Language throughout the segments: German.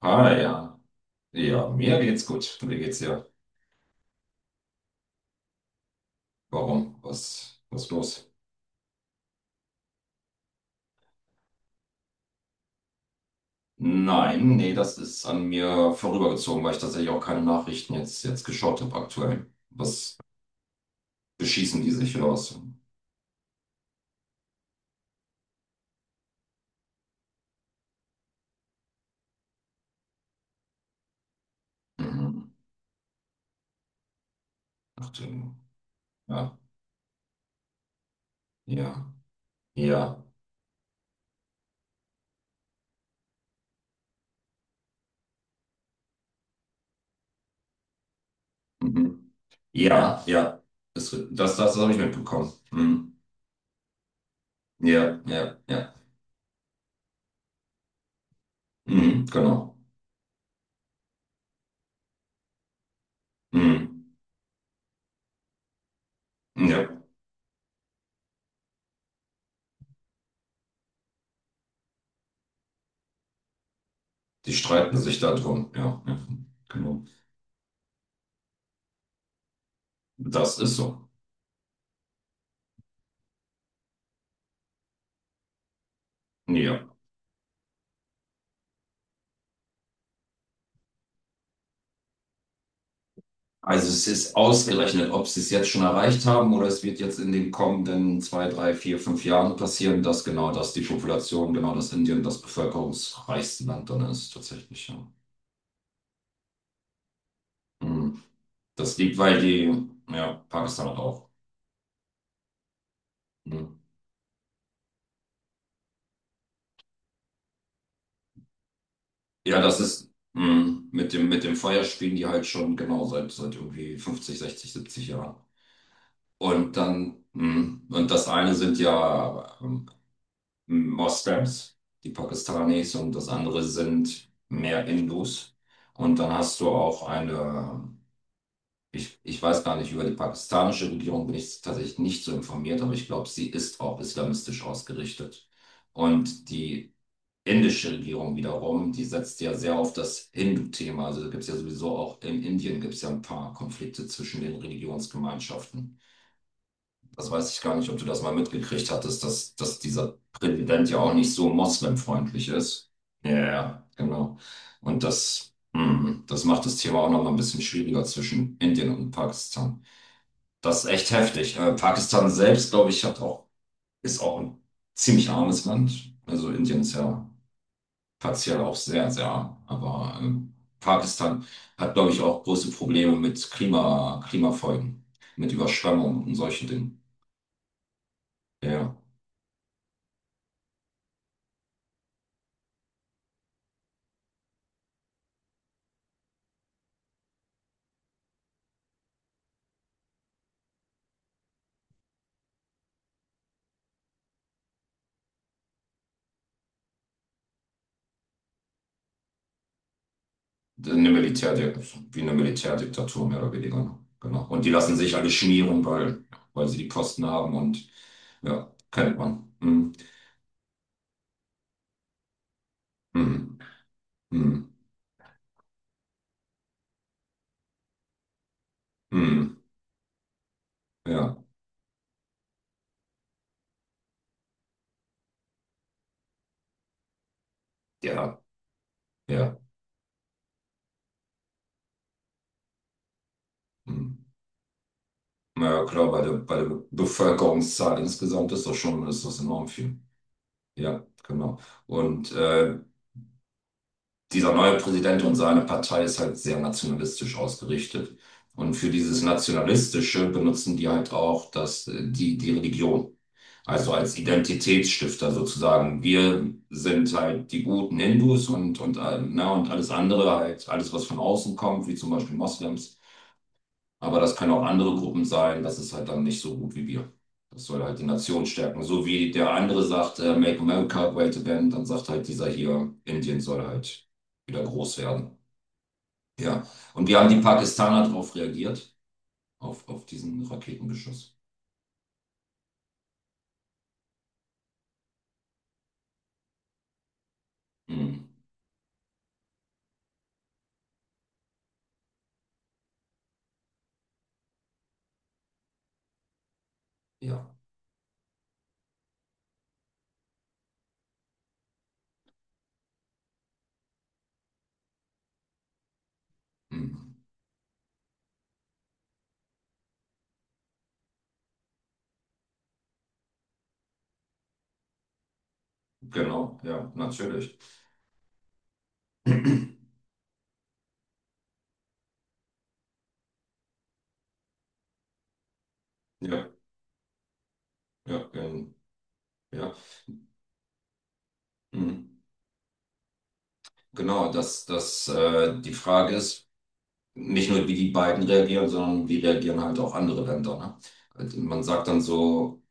Ah ja. Ja, mir geht's gut. Mir geht's ja. Warum? Was ist los? Nein, nee, das ist an mir vorübergezogen, weil ich tatsächlich auch keine Nachrichten jetzt geschaut habe aktuell. Was beschießen die sich oder was? Mhm. Ach du. Ja, ja, ja. Mhm. Ja, ja. Das habe ich mitbekommen. Mhm. Ja, ja, ja. Mhm, genau. Mhm. Ja, die streiten sich da drum. Ja, ja, genau. Das ist so. Ja. Also es ist ausgerechnet, ob sie es jetzt schon erreicht haben oder es wird jetzt in den kommenden zwei, drei, vier, fünf Jahren passieren, dass genau das die Population, genau das Indien das bevölkerungsreichste Land dann ist, tatsächlich. Ja. Mhm. Das liegt, weil die, ja, Pakistan hat auch. Mhm. Ja, das ist mhm. mit dem Feuer spielen die halt schon genau seit irgendwie 50, 60, 70 Jahren. Und dann, und das eine sind ja Moslems, die Pakistanis, und das andere sind mehr Hindus. Und dann hast du auch eine, ich weiß gar nicht, über die pakistanische Regierung bin ich tatsächlich nicht so informiert, aber ich glaube, sie ist auch islamistisch ausgerichtet. Und die indische Regierung wiederum, die setzt ja sehr auf das Hindu-Thema. Also da gibt es ja sowieso auch in Indien gibt es ja ein paar Konflikte zwischen den Religionsgemeinschaften. Das weiß ich gar nicht, ob du das mal mitgekriegt hattest, dass dieser Präsident ja auch nicht so moslemfreundlich ist. Ja, ja, ja, genau. Und das macht das Thema auch noch mal ein bisschen schwieriger zwischen Indien und Pakistan. Das ist echt heftig. Pakistan selbst, glaube ich, hat auch, ist auch ein ziemlich armes Land. Also Indien ist ja partiell auch sehr, sehr arm. Aber Pakistan hat, glaube ich, auch große Probleme mit Klima, Klimafolgen, mit Überschwemmungen und solchen Dingen. Ja. ja. Eine Militärdik wie eine Militärdiktatur, mehr oder weniger. Ne? Genau. Und die lassen sich alle schmieren, weil sie die Posten haben und ja, kennt man. Hm, hm, hm, hm, ja, ja, ja. Hm. Na ja, klar, bei der Bevölkerungszahl insgesamt ist das schon, ist das enorm viel. Ja, genau. Und dieser neue Präsident und seine Partei ist halt sehr nationalistisch ausgerichtet. Und für dieses Nationalistische benutzen die halt auch die Religion. Also als Identitätsstifter sozusagen. Wir sind halt die guten Hindus und, und alles andere, halt alles, was von außen kommt, wie zum Beispiel Moslems. Aber das können auch andere Gruppen sein, das ist halt dann nicht so gut wie wir. Das soll halt die Nation stärken. So wie der andere sagt, Make America Great Again, dann sagt halt dieser hier, Indien soll halt wieder groß werden. Ja. Und wie haben die Pakistaner darauf reagiert? Auf diesen Raketenbeschuss. Hm. Ja. Hm. Genau, ja, natürlich. Ja, ja, ja. Mhm. Genau, dass dass die Frage ist, nicht nur wie die beiden reagieren, sondern wie reagieren halt auch andere Länder, ne? Also man sagt dann so,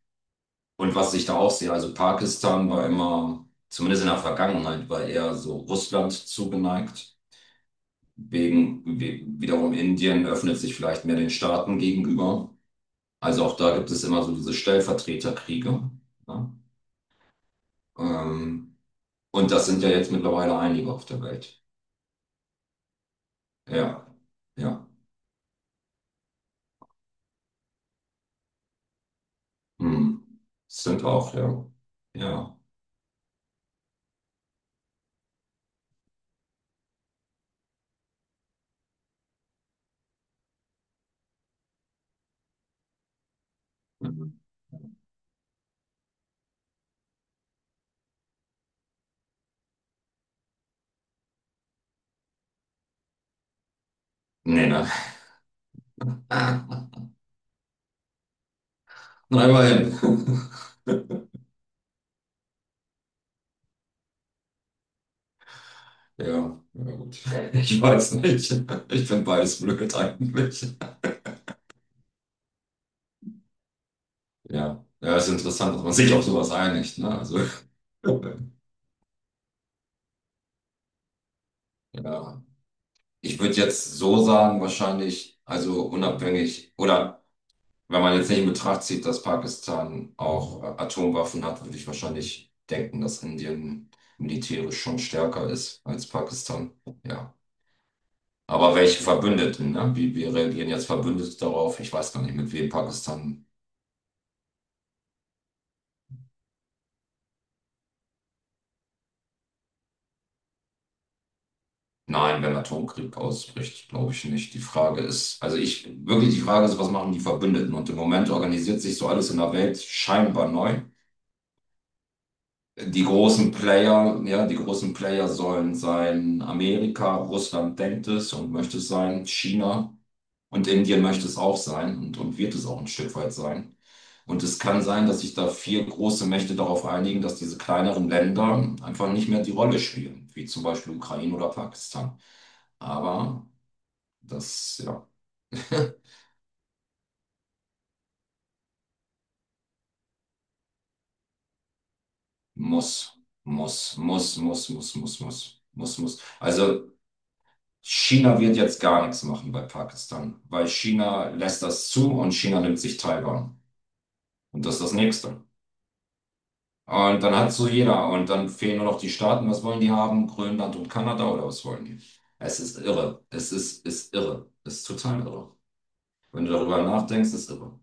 und was ich da auch sehe, also Pakistan war immer, zumindest in der Vergangenheit, war eher so Russland zugeneigt. Wegen, wiederum Indien öffnet sich vielleicht mehr den Staaten gegenüber. Also auch da gibt es immer so diese Stellvertreterkriege, ne? Ähm, und das sind ja jetzt mittlerweile einige auf der Welt. Ja, ja. Hm. Stimmt auch, ja. Ja. Mhm. Nee, nein. Nein, immerhin. Ja, ja gut. Ich weiß nicht. Ich bin beides blöd eigentlich. Ja. Ja, ist interessant, dass man sich auf sowas einigt, ne? Also, ja. Ich würde jetzt so sagen, wahrscheinlich, also unabhängig oder wenn man jetzt nicht in Betracht zieht, dass Pakistan auch Atomwaffen hat, würde ich wahrscheinlich denken, dass Indien militärisch schon stärker ist als Pakistan. Ja. Aber welche Verbündeten, ne? Wie reagieren jetzt Verbündete darauf? Ich weiß gar nicht, mit wem Pakistan. Nein, wenn Atomkrieg ausbricht, glaube ich nicht. Die Frage ist, also ich, wirklich die Frage ist, was machen die Verbündeten? Und im Moment organisiert sich so alles in der Welt scheinbar neu. Die großen Player, ja, die großen Player sollen sein Amerika, Russland denkt es und möchte es sein, China und Indien möchte es auch sein und wird es auch ein Stück weit sein. Und es kann sein, dass sich da vier große Mächte darauf einigen, dass diese kleineren Länder einfach nicht mehr die Rolle spielen, wie zum Beispiel Ukraine oder Pakistan. Aber das, ja, muss, muss, muss, muss, muss, muss, muss, muss, muss. Also China wird jetzt gar nichts machen bei Pakistan, weil China lässt das zu und China nimmt sich Taiwan. Und das ist das Nächste. Und dann hat so jeder. Und dann fehlen nur noch die Staaten. Was wollen die haben? Grönland und Kanada oder was wollen die? Es ist irre. Es ist irre. Es ist total irre. Wenn du darüber nachdenkst, ist irre.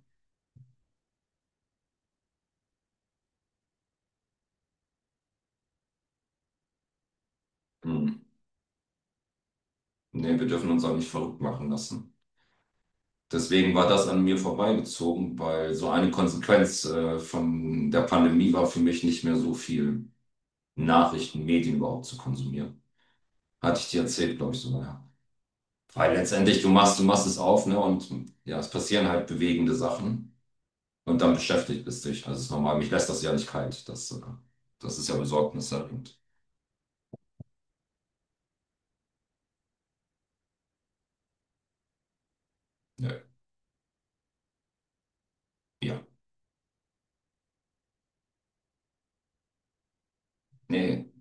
Hm. Nee, wir dürfen uns auch nicht verrückt machen lassen. Deswegen war das an mir vorbeigezogen, weil so eine Konsequenz von der Pandemie war für mich nicht mehr so viel Nachrichten, Medien überhaupt zu konsumieren. Hatte ich dir erzählt, glaube ich sogar, ja. Weil letztendlich du machst es auf, ne? Und ja, es passieren halt bewegende Sachen und dann beschäftigt es dich. Also es ist normal, mich lässt das ja nicht kalt. Das ist ja besorgniserregend. Nö. Ja. Nee,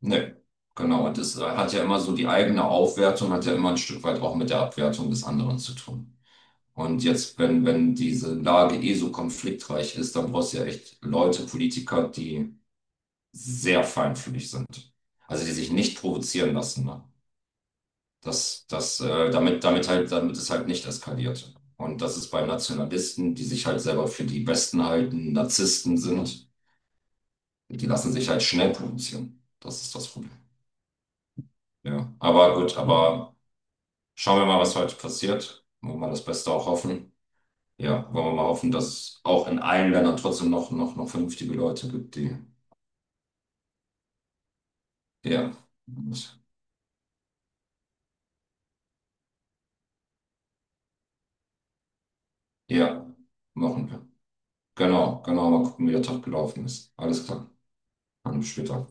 nö. Genau. Und das hat ja immer so die eigene Aufwertung, hat ja immer ein Stück weit auch mit der Abwertung des anderen zu tun. Und jetzt, wenn diese Lage eh so konfliktreich ist, dann brauchst du ja echt Leute, Politiker, die sehr feinfühlig sind. Also die sich nicht provozieren lassen. Ne? Das, das, damit, damit halt, damit es halt nicht eskaliert. Und das ist bei Nationalisten, die sich halt selber für die Besten halten, Narzissten sind, die lassen sich halt schnell provozieren. Das ist das Problem. Ja, aber gut, aber schauen wir mal, was heute passiert. Wollen wir mal das Beste auch hoffen. Ja, wollen wir mal hoffen, dass es auch in allen Ländern trotzdem noch vernünftige Leute gibt, die, ja, ja, machen wir. Genau, genau, mal gucken, wie der Tag gelaufen ist. Alles klar. An einem später.